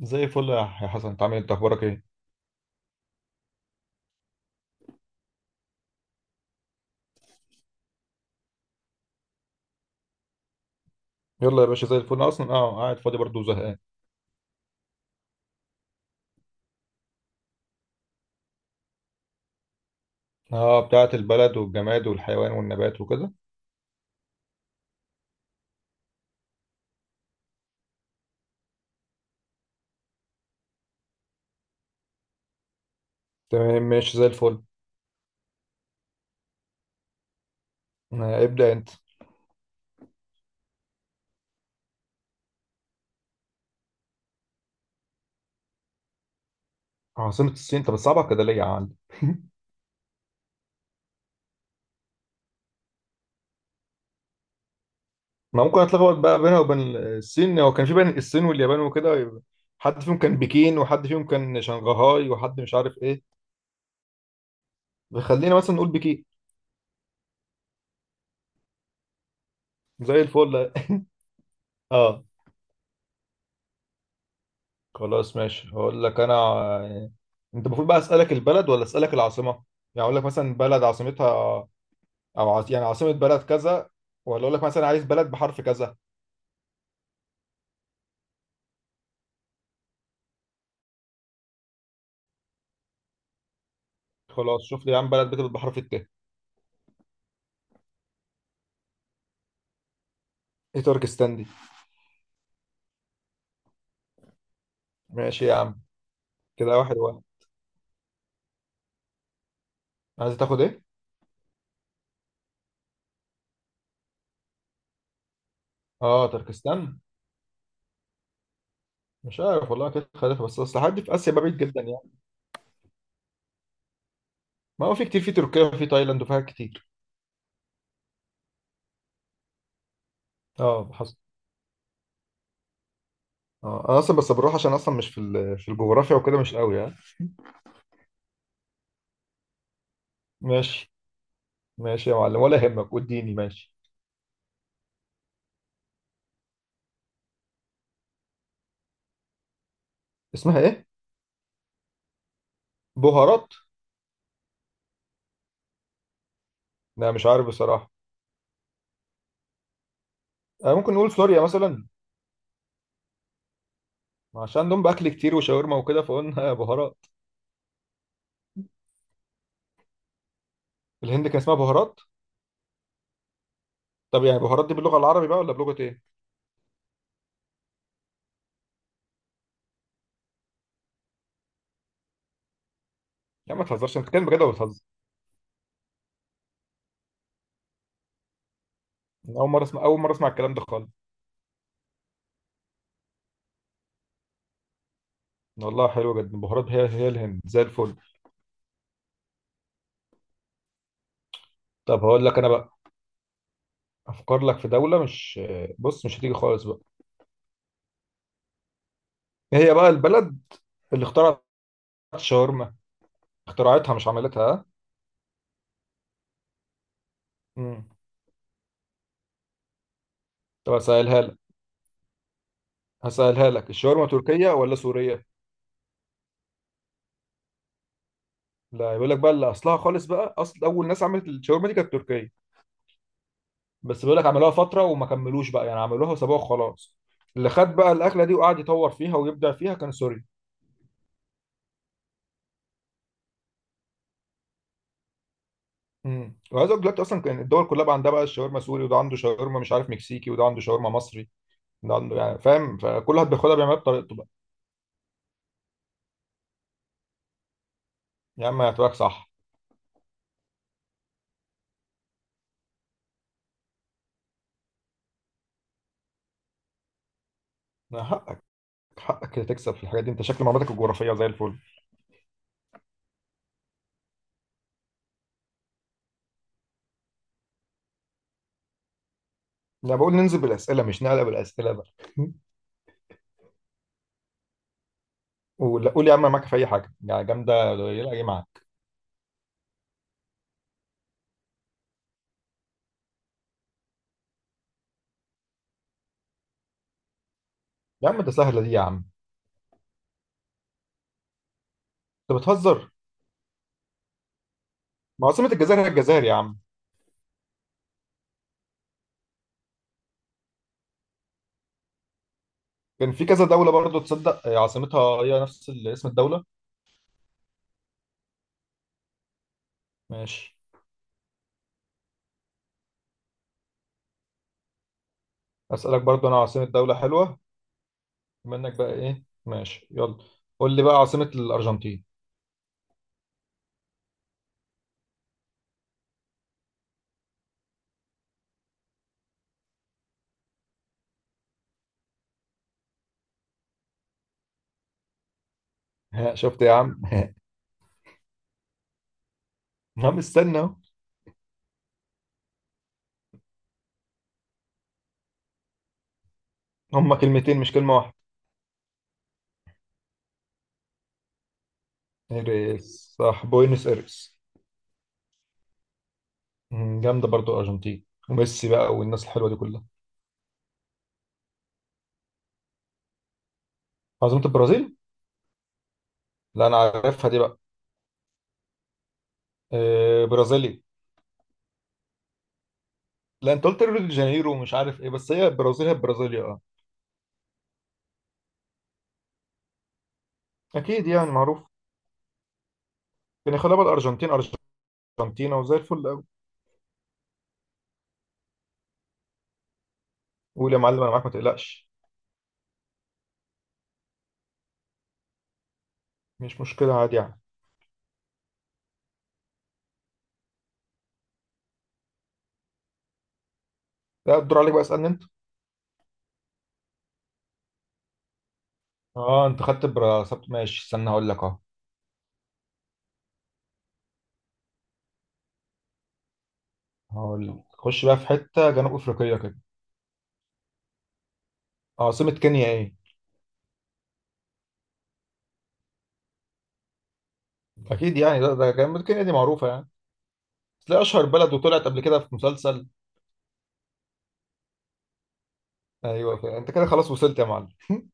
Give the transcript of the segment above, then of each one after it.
زي الفل يا حسن، انت عامل إيه؟ انت اخبارك ايه؟ يلا يا باشا، زي الفل، انا اصلا قاعد فاضي برضه وزهقان. اه، بتاعه البلد والجماد والحيوان والنبات وكده. تمام، ماشي، زي الفل. آه، ابدا انت. عاصمة الصين؟ انت بتصعبها كده ليه يا عم؟ ما ممكن اتلخبط بقى بينها وبين الصين، هو كان في بين الصين واليابان وكده، يبقى حد فيهم كان بكين وحد فيهم كان شنغهاي وحد مش عارف ايه. خلينا مثلا نقول بكين. زي الفل. اه. خلاص ماشي، هقول لك انا، انت المفروض بقى اسالك البلد ولا اسالك العاصمه؟ يعني اقول لك مثلا بلد عاصمتها، او يعني عاصمه بلد كذا، ولا اقول لك مثلا عايز بلد بحرف كذا؟ خلاص، شوف لي يا عم بلد بتبدأ بحرف الت. ايه تركستان دي؟ ماشي يا عم. كده واحد واحد. عايز تاخد ايه؟ اه، تركستان. مش عارف والله، كده خليفه، بس اصل حد في اسيا بعيد جدا يعني. ما هو في كتير في تركيا وفي تايلاند وفيها كتير. اه، حصل. اه، انا اصلا بس بروح عشان اصلا مش في الجغرافيا وكده مش قوي يعني. ماشي. ماشي يا معلم ولا يهمك، واديني ماشي. اسمها ايه؟ بهارات. لا مش عارف بصراحه. آه، ممكن نقول سوريا مثلا. عشان عندهم باكل كتير وشاورما وكده، فقلنا بهارات. الهند كان اسمها بهارات؟ طب يعني بهارات دي باللغه العربي بقى ولا بلغه ايه؟ يا عم ما تهزرش، انت بتتكلم بجد ولا بتهزر؟ أنا اول مره اسمع، اول مره اسمع الكلام ده خالص. والله حلوه جدا، بهارات هي هي الهند، زي الفل. طب هقول لك انا بقى، افكر لك في دوله، مش، بص مش هتيجي خالص بقى. إيه هي بقى البلد اللي اخترعت الشاورما؟ اخترعتها مش عملتها، ها؟ مم. طب اسالها لك هسألها لك الشاورما تركية ولا سورية؟ لا، يقول لك بقى اللي اصلها خالص بقى، اصل اول ناس عملت الشاورما دي كانت تركية. بس بيقول لك عملوها فترة وما كملوش بقى، يعني عملوها وسابوها وخلاص. اللي خد بقى الاكلة دي وقعد يطور فيها ويبدع فيها كان سوري. وعايز اقول دلوقتي اصلا كان الدول كلها بقى عندها بقى الشاورما سوري، وده عنده شاورما مش عارف مكسيكي، وده عنده شاورما مصري. ده عنده يعني، فاهم، فكل واحد بياخدها بيعملها بطريقته بقى. يا عم هتبقى صح. حقك، حقك كده تكسب في الحاجات دي. انت شكل معلوماتك الجغرافية زي الفل. انا بقول ننزل بالاسئلة، مش نعلق بالاسئلة بقى. ولا قول يا عم، أنا معاك في اي حاجه يعني، جامده قليله ايه معاك. يا عم ده سهله دي يا عم، انت بتهزر. ما عاصمه الجزائر هي الجزائر يا عم. كان في كذا دوله برضو تصدق عاصمتها هي نفس اسم الدوله. ماشي. اسالك برضو انا عاصمه دوله حلوه، بما انك بقى ايه، ماشي يلا، قول لي بقى عاصمه الارجنتين. ها شفت يا عم ها. عم استنى اهو. هما كلمتين مش كلمه واحده. ايريس صح، بوينس ايرس. جامده برضو الارجنتين وميسي بقى والناس الحلوه دي كلها. عاصمه البرازيل؟ لا انا عارفها دي بقى. آه، برازيليا. لا، انت قلت ريو دي جانيرو ومش عارف ايه، بس هي البرازيل هي البرازيليا، اه. اكيد يعني معروف. كان يخليها بقى الارجنتين، ارجنتينا، وزي الفل قوي. قول يا معلم، انا معاك ما تقلقش. مش مشكله، عادي يعني. لا، الدور عليك بقى، اسالني انت. اه، انت خدت براسات، ماشي، استنى هقول لك اهو. هقول لك خش بقى في حته جنوب افريقيه كده. عاصمه كينيا ايه؟ اكيد يعني، ده جنوب، كينيا دي معروفه يعني. تلاقي اشهر بلد، وطلعت قبل كده في مسلسل. ايوه كده. انت كده خلاص وصلت يا معلم.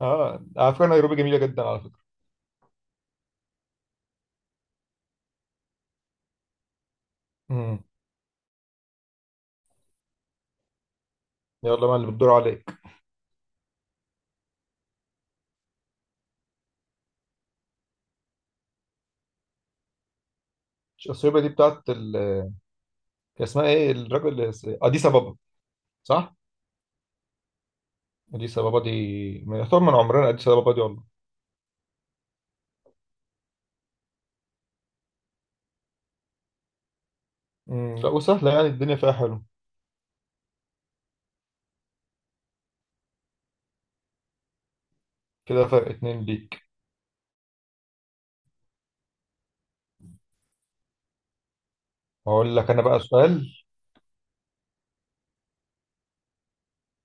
اه، على فكره نيروبي جميله جدا، على فكره. امم يلا بقى اللي بتدور عليك. اثيوبيا دي بتاعت ال، هي اسمها ايه، الراجل اللي اديس بابا. صح. اديس بابا دي، ما يعتبر من عمرنا اديس بابا دي والله. لا، وسهله يعني، الدنيا فيها حلو. كده فرق اتنين ليك. هقول لك انا بقى سؤال،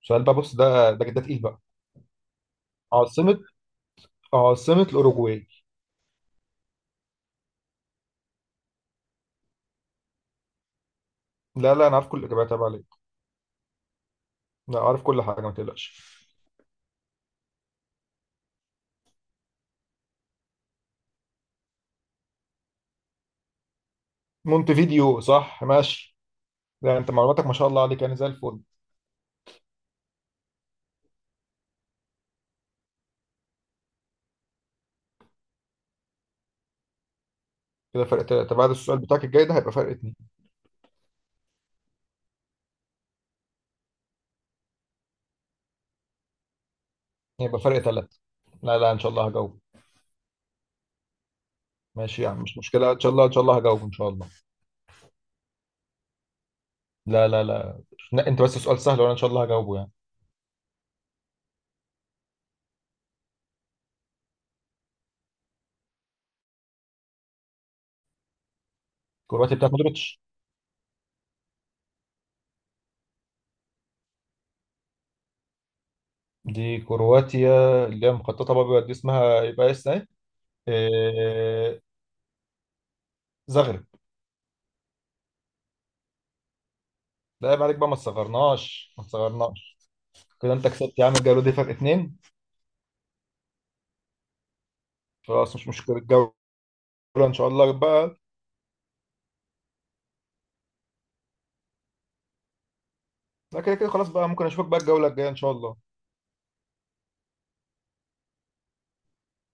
سؤال بقى، بص ده تقيل بقى. عاصمه عاصمه الاوروجواي. لا لا، انا عارف كل الاجابات تبع عليك. لا، عارف كل حاجه ما تقلقش. مونتفيديو صح، ماشي. لا، انت معلوماتك ما شاء الله عليك يعني، زي الفل. كده فرق تلاته، بعد السؤال بتاعك الجاي ده هيبقى فرق اتنين. هيبقى فرق تلاته. لا لا، ان شاء الله هجاوب. ماشي يا عم، مش مشكله، ان شاء الله، ان شاء الله هجاوب ان شاء الله. لا لا لا، لا انت بس سؤال سهل، وانا ان شاء الله هجاوبه يعني. كرواتيا بتاعت مودريتش. دي كرواتيا، اللي هي مخططه بقى، دي اسمها يبقى اس ايه. إيه، زغرب. لا عيب عليك بقى، ما تصغرناش ما تصغرناش. كده انت كسبت يا عم الجوله دي، فرق اتنين. خلاص مش مشكله الجوله. ان شاء الله بقى. لا كده كده خلاص بقى، ممكن اشوفك بقى الجوله الجايه ان شاء الله.